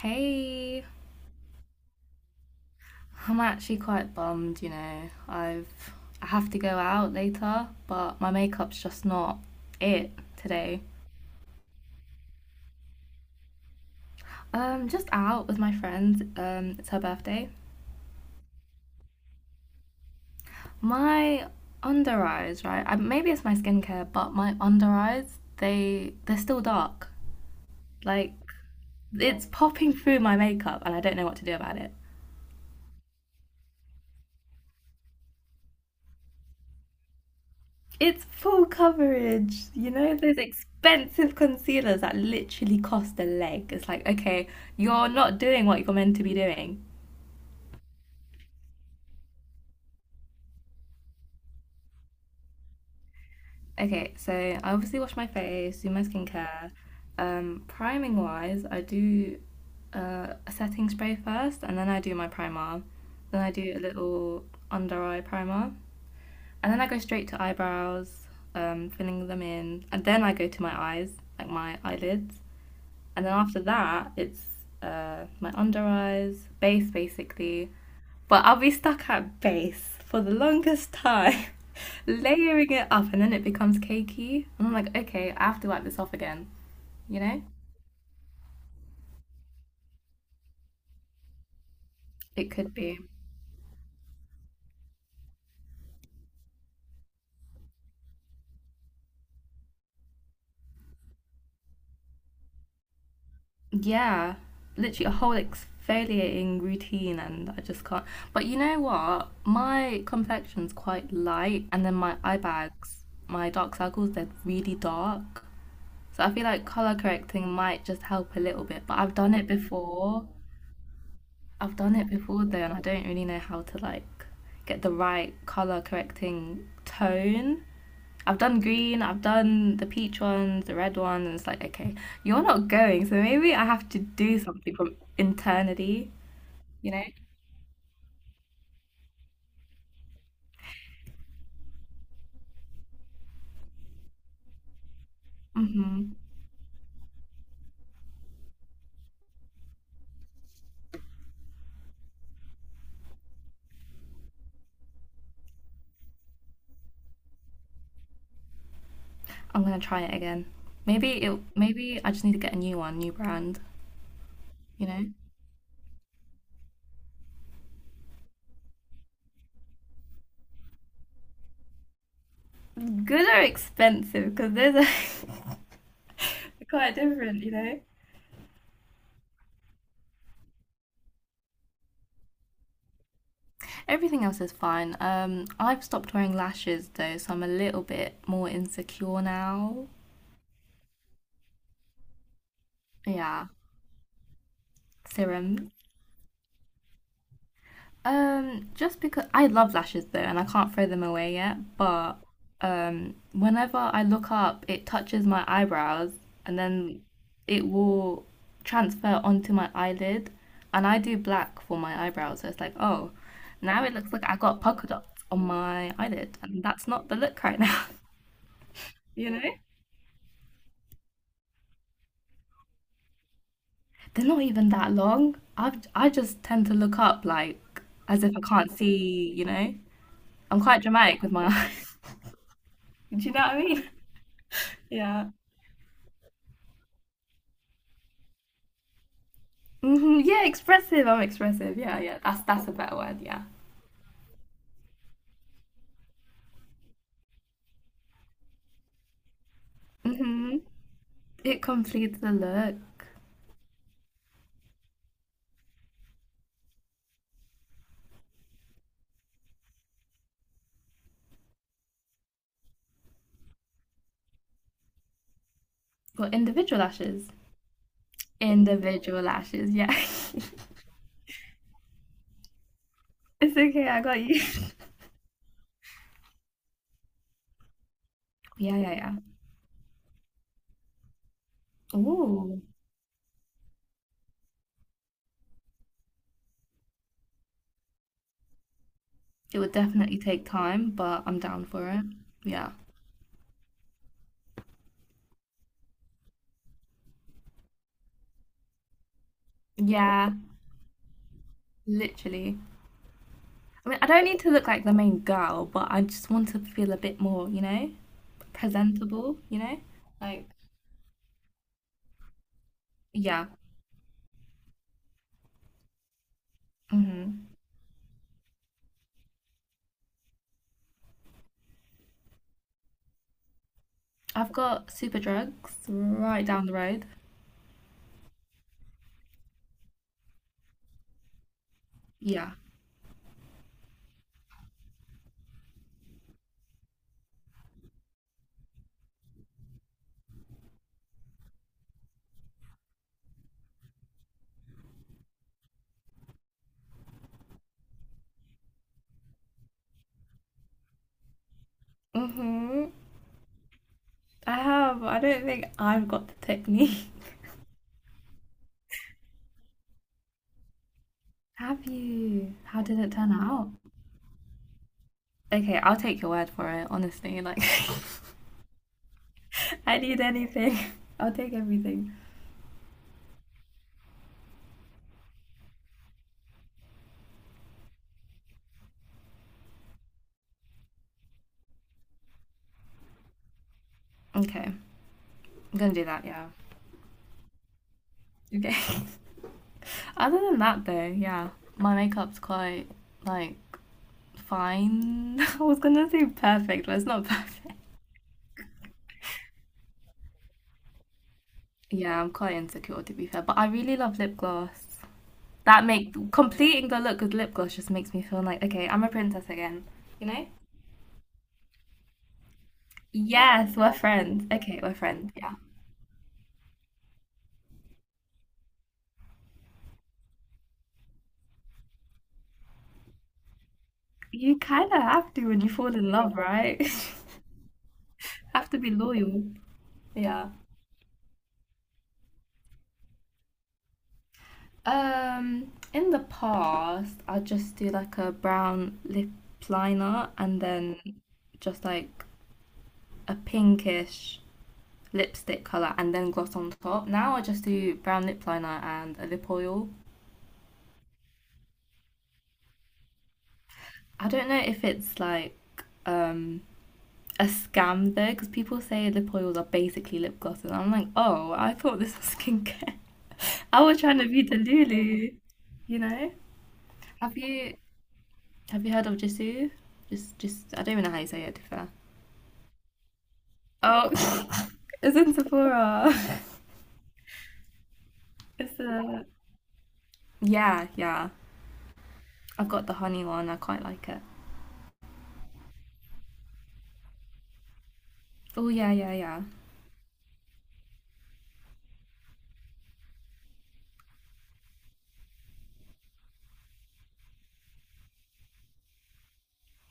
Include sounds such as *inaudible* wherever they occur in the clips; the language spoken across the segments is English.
Hey, I'm actually quite bummed, you know. I've I have to go out later, but my makeup's just not it today. Just out with my friend. It's her birthday. My under eyes, right? I, maybe it's my skincare, but my under eyes, they're still dark. Like it's popping through my makeup, and I don't know what to do about it. It's full coverage. You know, those expensive concealers that literally cost a leg. It's like, okay, you're not doing what you're meant to be doing. Okay, so I obviously wash my face, do my skincare. Priming wise, I do a setting spray first, and then I do my primer. Then I do a little under eye primer. And then I go straight to eyebrows, filling them in. And then I go to my eyes, like my eyelids. And then after that, it's my under eyes, base basically. But I'll be stuck at base for the longest time, *laughs* layering it up, and then it becomes cakey. And I'm like, okay, I have to wipe this off again, you know? It could be. Yeah, literally a whole exfoliating routine, and I just can't. But you know what? My complexion's quite light, and then my eye bags, my dark circles, they're really dark. So I feel like color correcting might just help a little bit. But I've done it before. I've done it before though, and I don't really know how to like get the right color correcting tone. I've done green, I've done the peach ones, the red ones, and it's like, okay, you're not going, so maybe I have to do something from internally, you know? hmm I'm gonna try it again. Maybe it, maybe I just need to get a new one, new brand, you know? Good or expensive, because there's are *laughs* quite different, you know? Everything else is fine. I've stopped wearing lashes though, so I'm a little bit more insecure now. Yeah, serum. Just because I love lashes though, and I can't throw them away yet, but whenever I look up, it touches my eyebrows and then it will transfer onto my eyelid. And I do black for my eyebrows, so it's like, oh, now it looks like I got polka dots on my eyelid, and that's not the look right now, *laughs* you know? They're not even that long. I've, I just tend to look up like as if I can't see, you know? I'm quite dramatic with my *laughs* eyes. Do you know what I mean? *laughs* Yeah. Hmm. Yeah, expressive. I'm expressive. Yeah, yeah. That's a better word. Yeah. Hmm. It completes the look. Well, individual lashes. Individual lashes. Yeah. *laughs* It's okay. I got you. *laughs* Yeah, yeah, yeah. Oh, it would definitely take time, but I'm down for it. Yeah. Yeah, literally. I mean, I don't need to look like the main girl, but I just want to feel a bit more, you know, presentable, you know? Like, yeah. hmm I've got super drugs right down the road. Yeah. Mm-hmm. I have. I don't think I've got the technique. *laughs* Have you? How did it turn out? Okay, I'll take your word for it, honestly. Like, *laughs* I need anything. *laughs* I'll take everything. Okay, I'm gonna do that, yeah. Okay. *laughs* Other than that, though, yeah, my makeup's quite, like, fine. *laughs* I was gonna say perfect, but it's not *laughs* perfect. Yeah, I'm quite insecure, to be fair, but I really love lip gloss. That make completing the look with lip gloss just makes me feel like, okay, I'm a princess again. You know? Yes, we're friends. Okay, we're friends. Yeah. You kind of have to when you fall in love, right? *laughs* Have to be loyal. Yeah. In the past, I just do like a brown lip liner and then just like a pinkish lipstick color and then gloss on top. Now I just do brown lip liner and a lip oil. I don't know if it's like um a scam though because people say lip oils are basically lip glosses. I'm like, oh, I thought this was skincare. *laughs* I was trying to be the Lulu, you know. Have you have you heard of Jisoo? Just I don't even know how you say it. To be fair. Oh, *laughs* it's in Sephora. *laughs* It's a yeah. I've got the honey one. I quite like it. Oh, yeah yeah yeah.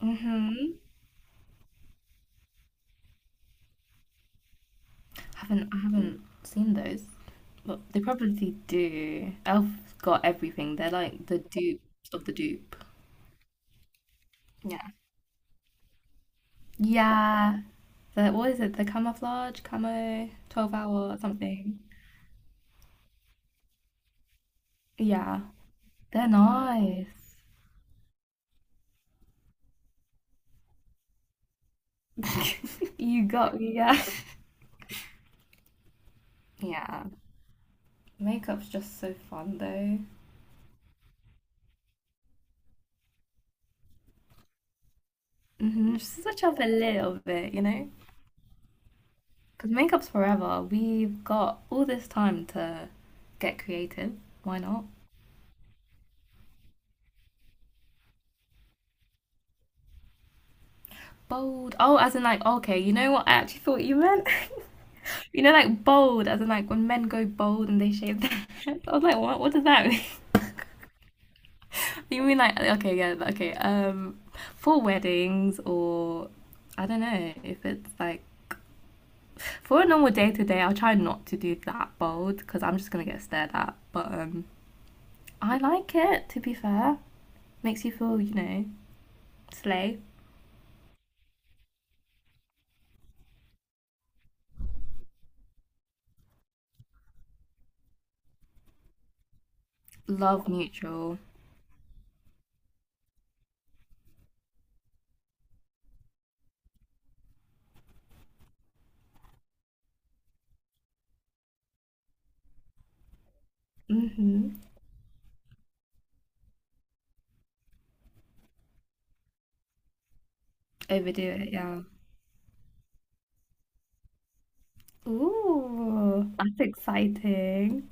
Mhm. Haven't I haven't seen those, but they probably do. Elf's got everything. They're like the dupes of the dupe. Yeah. Yeah. The what is it? The camouflage, camo, 12 hour or something. Yeah. They're nice. *laughs* You got me, yeah. *laughs* Yeah. Makeup's just so fun though. Just switch up a little bit, you know? Because makeup's forever. We've got all this time to get creative. Why not? Bold. Oh, as in like, okay, you know what? I actually thought you meant, *laughs* you know, like bold, as in like when men go bold and they shave their *laughs* heads. I was like, what? What does that You mean like okay, yeah, okay. For weddings or I don't know if it's like for a normal day to day, I'll try not to do that bold because I'm just gonna get stared at. But I like it to be fair. Makes you feel, you know, slay. Love neutral. Mm-hmm. Overdo it, yeah. Ooh, that's exciting.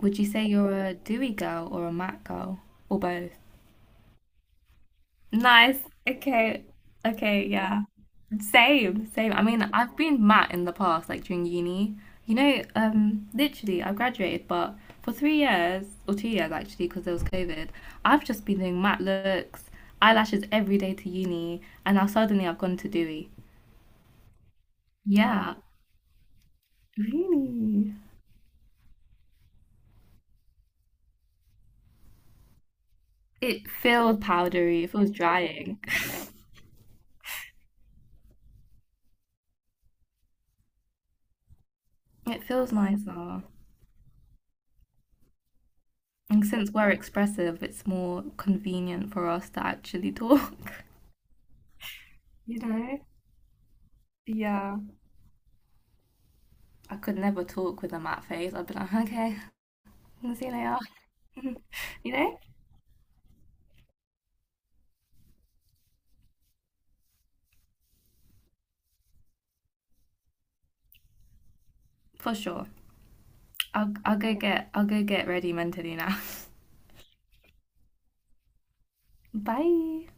Would you say you're a dewy girl or a matte girl or both? Nice. Okay. Okay, yeah. Same, same. I mean, I've been mat in the past, like during uni. You know, literally, I graduated, but for 3 years or 2 years actually, because there was COVID, I've just been doing matte looks, eyelashes every day to uni, and now suddenly I've gone to dewy. Yeah, really. It feels powdery. It feels drying. *laughs* It feels nicer. And since we're expressive, it's more convenient for us to actually talk, *laughs* you know? Yeah, I could never talk with a matte face. I'd be like, okay, *laughs* see you later. *laughs* You know, for sure. I'll go get ready mentally now. *laughs* Bye.